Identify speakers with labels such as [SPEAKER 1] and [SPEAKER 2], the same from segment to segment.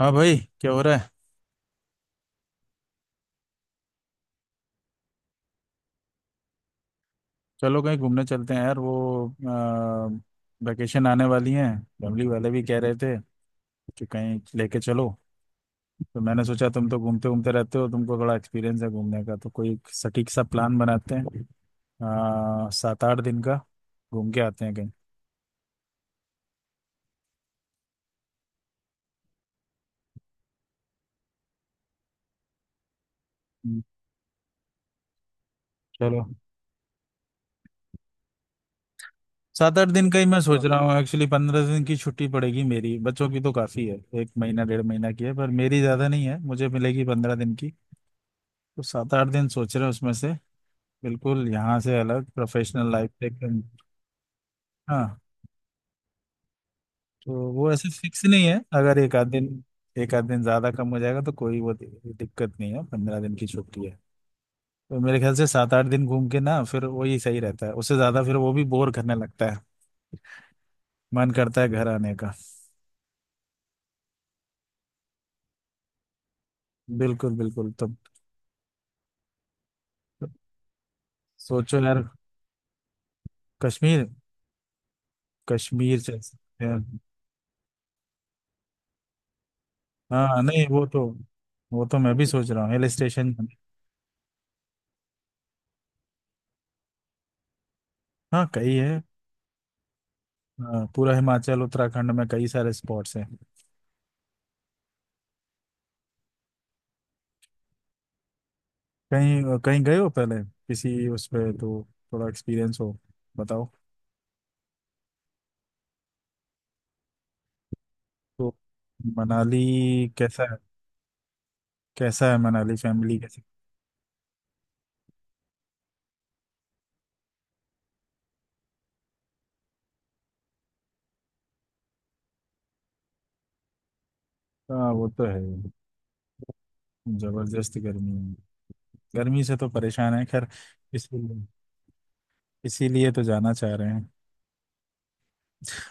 [SPEAKER 1] हाँ भाई, क्या हो रहा है। चलो, कहीं घूमने चलते हैं यार। वो वैकेशन आने वाली है। फैमिली वाले भी कह रहे थे कि कहीं लेके चलो। तो मैंने सोचा, तुम तो घूमते घूमते रहते हो, तुमको बड़ा एक्सपीरियंस है घूमने का, तो कोई एक सटीक सा प्लान बनाते हैं 7 8 दिन का। घूम के आते हैं कहीं। हम्म, चलो, 7 8 दिन का ही मैं सोच रहा हूँ। एक्चुअली 15 दिन की छुट्टी पड़ेगी मेरी, बच्चों की तो काफ़ी है, 1 महीना 1.5 महीना की है, पर मेरी ज़्यादा नहीं है, मुझे मिलेगी 15 दिन की। तो 7 8 दिन सोच रहे हैं उसमें से, बिल्कुल यहाँ से अलग, प्रोफेशनल लाइफ से एकदम। हाँ, तो वो ऐसे फिक्स नहीं है, अगर एक आध दिन, एक आध दिन ज्यादा कम हो जाएगा तो कोई वो दिक्कत नहीं है, 15 दिन की छुट्टी है। तो मेरे ख्याल से 7 8 दिन घूम के ना फिर वही सही रहता है, उससे ज्यादा फिर वो भी बोर करने लगता है, मन करता है घर आने का। बिल्कुल बिल्कुल। तो सोचो यार, कश्मीर। कश्मीर चल सकते हैं। हाँ नहीं, वो तो, वो तो मैं भी सोच रहा हूँ, हिल स्टेशन। हाँ, कई है। हाँ, पूरा हिमाचल उत्तराखंड में कई सारे स्पॉट्स हैं। कहीं कहीं गए हो पहले किसी उस पे तो, थोड़ा एक्सपीरियंस हो, बताओ। तो मनाली कैसा है? कैसा है मनाली? फैमिली कैसे? हाँ वो तो है, जबरदस्त गर्मी है। गर्मी से तो परेशान है, खैर। इसीलिए, इसीलिए तो जाना चाह रहे हैं।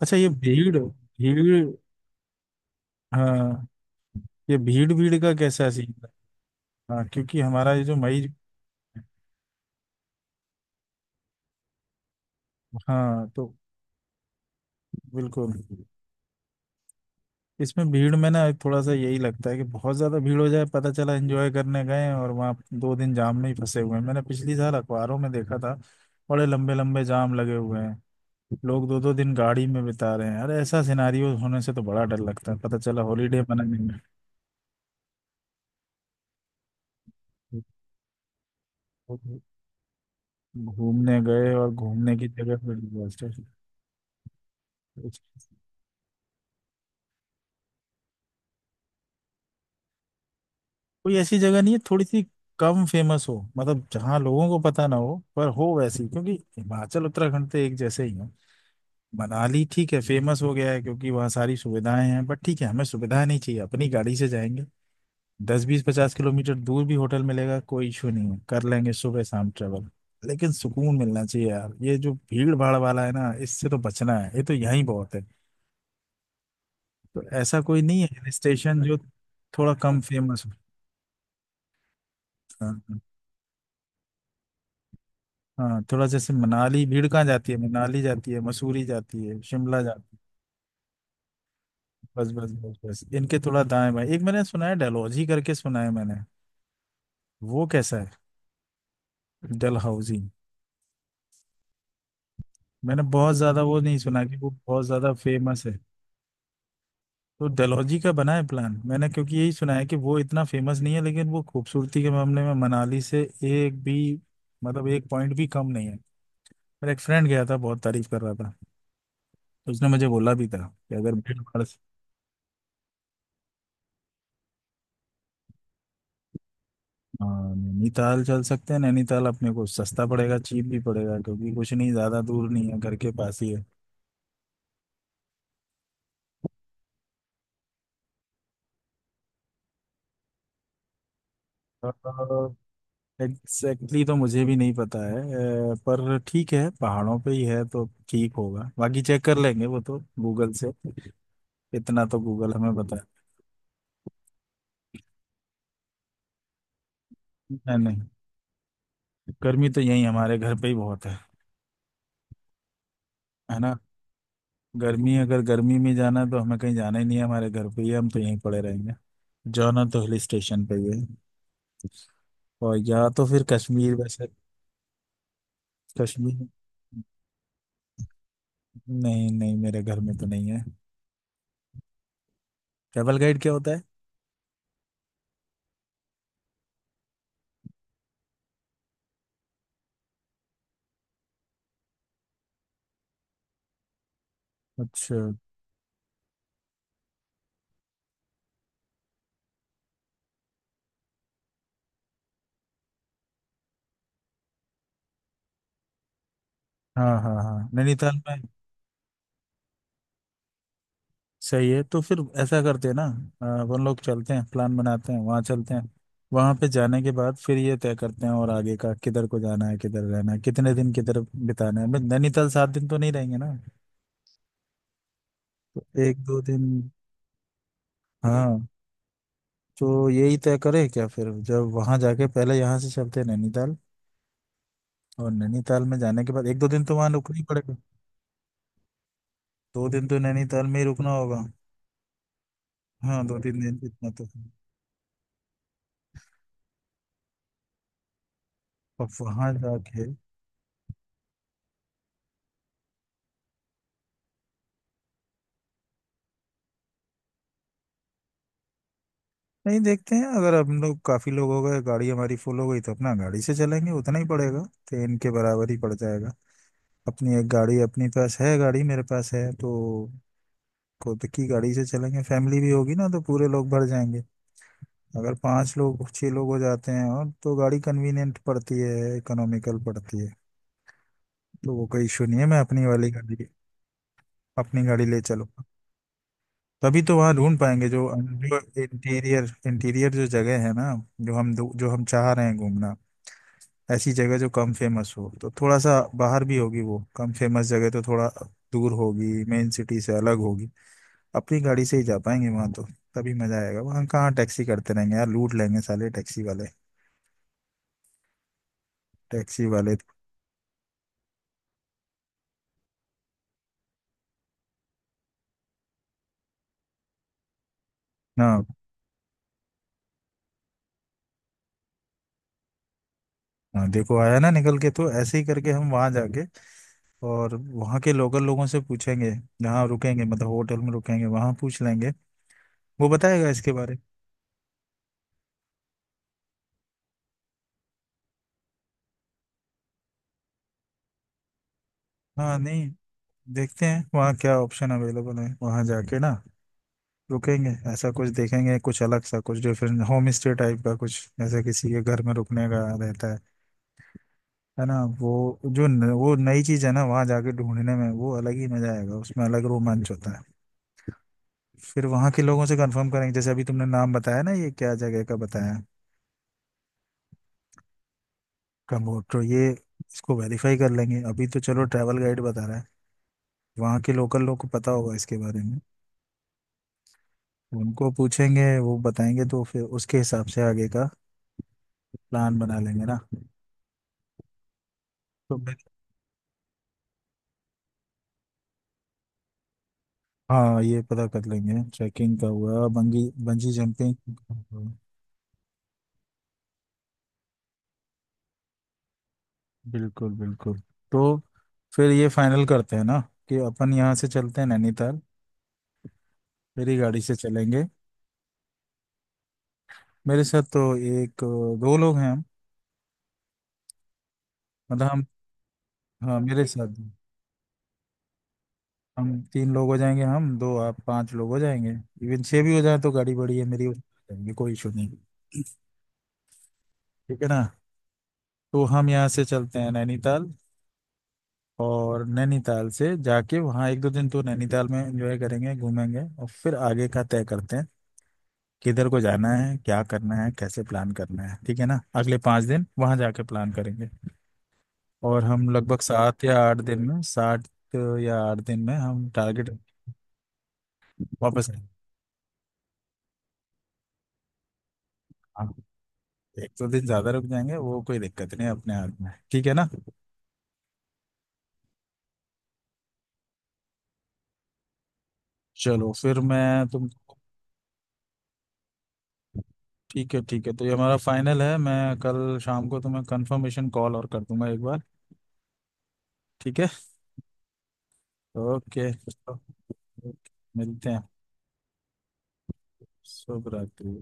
[SPEAKER 1] अच्छा, ये भीड़ भीड़। हाँ, ये भीड़ भीड़ का कैसा सीन है? हाँ, क्योंकि हमारा ये जो मई। हाँ, तो बिल्कुल। इसमें भीड़ में ना थोड़ा सा यही लगता है कि बहुत ज्यादा भीड़ हो जाए, पता चला एंजॉय करने गए हैं और वहाँ 2 दिन जाम में ही फंसे हुए हैं। मैंने पिछली साल अखबारों में देखा था, बड़े लंबे लंबे जाम लगे हुए हैं, लोग दो दो दिन गाड़ी में बिता रहे हैं। अरे ऐसा सिनारियो होने से तो बड़ा डर लगता है, पता चला हॉलीडे मनाने में घूमने गए और घूमने की जगह पे disaster। कोई ऐसी जगह नहीं है थोड़ी सी कम फेमस हो, मतलब जहाँ लोगों को पता ना हो पर हो वैसी, क्योंकि हिमाचल उत्तराखंड तो एक जैसे ही है। मनाली ठीक है, फेमस हो गया है क्योंकि वहाँ सारी सुविधाएं हैं, बट ठीक है, हमें सुविधाएं नहीं चाहिए, अपनी गाड़ी से जाएंगे। 10 20 50 किलोमीटर दूर भी होटल मिलेगा कोई इशू नहीं है, कर लेंगे सुबह शाम ट्रेवल। लेकिन सुकून मिलना चाहिए यार, ये जो भीड़ भाड़ वाला है ना, इससे तो बचना है, ये तो यहीं बहुत है। तो ऐसा कोई नहीं है हिल स्टेशन जो थोड़ा कम फेमस हो? हाँ हाँ। हाँ, थोड़ा जैसे मनाली, भीड़ कहाँ जाती है? मनाली जाती है, मसूरी जाती है, शिमला जाती है। बस बस बस बस, इनके थोड़ा दाएं बाएं। एक मैंने सुना है, डलहौजी करके सुना है मैंने। वो कैसा है? डलहौजी। मैंने बहुत ज्यादा वो नहीं सुना कि वो बहुत ज्यादा फेमस है। तो डलहौजी का बना है प्लान मैंने, क्योंकि यही सुना है कि वो इतना फेमस नहीं है लेकिन वो खूबसूरती के मामले में मनाली से एक भी, मतलब एक पॉइंट भी कम नहीं है। मेरा एक फ्रेंड गया था, बहुत तारीफ कर रहा था, तो उसने मुझे बोला भी था कि अगर भीड़ भाड़ से। हाँ, नैनीताल चल सकते हैं। नैनीताल अपने को सस्ता पड़ेगा, चीप भी पड़ेगा, क्योंकि कुछ नहीं, ज्यादा दूर नहीं है, घर के पास ही है। एग्जैक्टली, तो मुझे भी नहीं पता है पर ठीक है, पहाड़ों पे ही है तो ठीक होगा, बाकी चेक कर लेंगे वो तो गूगल से। इतना तो गूगल हमें बता। नहीं नहीं, गर्मी तो यही हमारे घर पे ही बहुत है ना। गर्मी, अगर गर्मी में जाना है तो हमें कहीं जाना ही नहीं है, हमारे घर पे ही है, हम तो यहीं पड़े रहेंगे। जाना तो हिल स्टेशन पे ही है। और या तो फिर कश्मीर वैसे। कश्मीर। नहीं नहीं, मेरे घर में तो नहीं है। ट्रैवल गाइड क्या होता है? अच्छा। हाँ हाँ हाँ, नैनीताल में। सही है, तो फिर ऐसा करते हैं ना। अपन लोग चलते हैं, प्लान बनाते हैं, वहाँ चलते हैं। वहाँ पे जाने के बाद फिर ये तय करते हैं और आगे का, किधर को जाना है, किधर रहना है, कितने दिन किधर बिताना है। भाई नैनीताल 7 दिन तो नहीं रहेंगे ना, तो एक दो दिन। हाँ, तो यही तय करें क्या फिर, जब वहाँ जाके, पहले यहाँ से चलते हैं नैनीताल, और नैनीताल में जाने के बाद एक दो दिन तो वहाँ रुकना ही पड़ेगा। दो दिन तो नैनीताल में ही रुकना होगा। हाँ, 2 3 दिन इतना तो है। और वहाँ जाके। नहीं देखते हैं, अगर हम लोग काफी लोग हो गए, गाड़ी हमारी फुल हो गई तो अपना गाड़ी से चलेंगे, उतना ही पड़ेगा, ट्रेन के बराबर ही पड़ जाएगा। अपनी एक गाड़ी अपने पास है, गाड़ी मेरे पास है, तो खुद की गाड़ी से चलेंगे। फैमिली भी होगी ना, तो पूरे लोग भर जाएंगे। अगर पांच लोग छह लोग हो जाते हैं और, तो गाड़ी कन्वीनियंट पड़ती है, इकोनॉमिकल पड़ती है। तो वो कोई इशू नहीं है, मैं अपनी वाली गाड़ी, अपनी गाड़ी ले चलूंगा। तभी तो वहाँ ढूंढ पाएंगे जो, जो इंटीरियर इंटीरियर जो जगह है ना, जो हम चाह रहे हैं घूमना। ऐसी जगह जो कम फेमस हो तो थोड़ा सा बाहर भी होगी, वो कम फेमस जगह तो थोड़ा दूर होगी, मेन सिटी से अलग होगी। अपनी गाड़ी से ही जा पाएंगे वहां तो, तभी मजा आएगा। वहां कहाँ टैक्सी करते रहेंगे यार, लूट लेंगे साले टैक्सी वाले। टैक्सी वाले ना। हाँ, देखो आया ना निकल के, तो ऐसे ही करके हम वहां जाके और वहां के लोकल लोगों से पूछेंगे। जहाँ रुकेंगे, मतलब होटल में रुकेंगे वहां पूछ लेंगे, वो बताएगा इसके बारे। हाँ नहीं, देखते हैं वहाँ क्या ऑप्शन अवेलेबल है, वहां जाके ना रुकेंगे, ऐसा कुछ देखेंगे, कुछ अलग सा, कुछ डिफरेंट, होम स्टे टाइप का कुछ, ऐसा किसी के घर में रुकने का रहता है ना। वो जो न, वो नई चीज़ है ना, वहाँ जाके ढूंढने में वो अलग ही मजा आएगा, उसमें अलग रोमांच होता है। फिर वहाँ के लोगों से कंफर्म करेंगे, जैसे अभी तुमने नाम बताया ना, ये क्या जगह का बताया, कम्बोड, तो ये, इसको वेरीफाई कर लेंगे। अभी तो चलो ट्रैवल गाइड बता रहा है, वहाँ के लोकल लोग को पता होगा इसके बारे में, उनको पूछेंगे, वो बताएंगे, तो फिर उसके हिसाब से आगे का प्लान बना लेंगे ना। तो हाँ, ये पता कर लेंगे, ट्रैकिंग का हुआ, बंगी बंजी जंपिंग का हुआ। बिल्कुल बिल्कुल। तो फिर ये फाइनल करते हैं ना कि अपन यहाँ से चलते हैं नैनीताल, मेरी गाड़ी से चलेंगे। मेरे साथ तो एक दो लोग हैं हम, मतलब हम, हाँ मेरे साथ हम तीन लोग हो जाएंगे, हम दो आप पांच लोग हो जाएंगे। इवन छह भी हो जाए तो गाड़ी बड़ी है मेरी, उसमें जाएंगे, कोई इशू नहीं। ठीक है ना। तो हम यहाँ से चलते हैं नैनीताल, और नैनीताल से जाके वहाँ एक दो दिन तो नैनीताल में एंजॉय करेंगे, घूमेंगे और फिर आगे का तय करते हैं, किधर को जाना है, क्या करना है, कैसे प्लान करना है। ठीक है ना, अगले 5 दिन वहाँ जाके प्लान करेंगे, और हम लगभग 7 या 8 दिन में, 7 या 8 दिन में हम टारगेट, वापस आएंगे। हाँ, एक दो दिन ज़्यादा रुक जाएंगे, वो कोई दिक्कत नहीं है, अपने हाथ में है। ठीक है ना। चलो, फिर मैं तुमको। ठीक है ठीक है, तो ये हमारा फाइनल है, मैं कल शाम को तुम्हें कंफर्मेशन कॉल और कर दूंगा एक बार। ठीक है। ओके। मिलते हैं। शुभ रात्रि।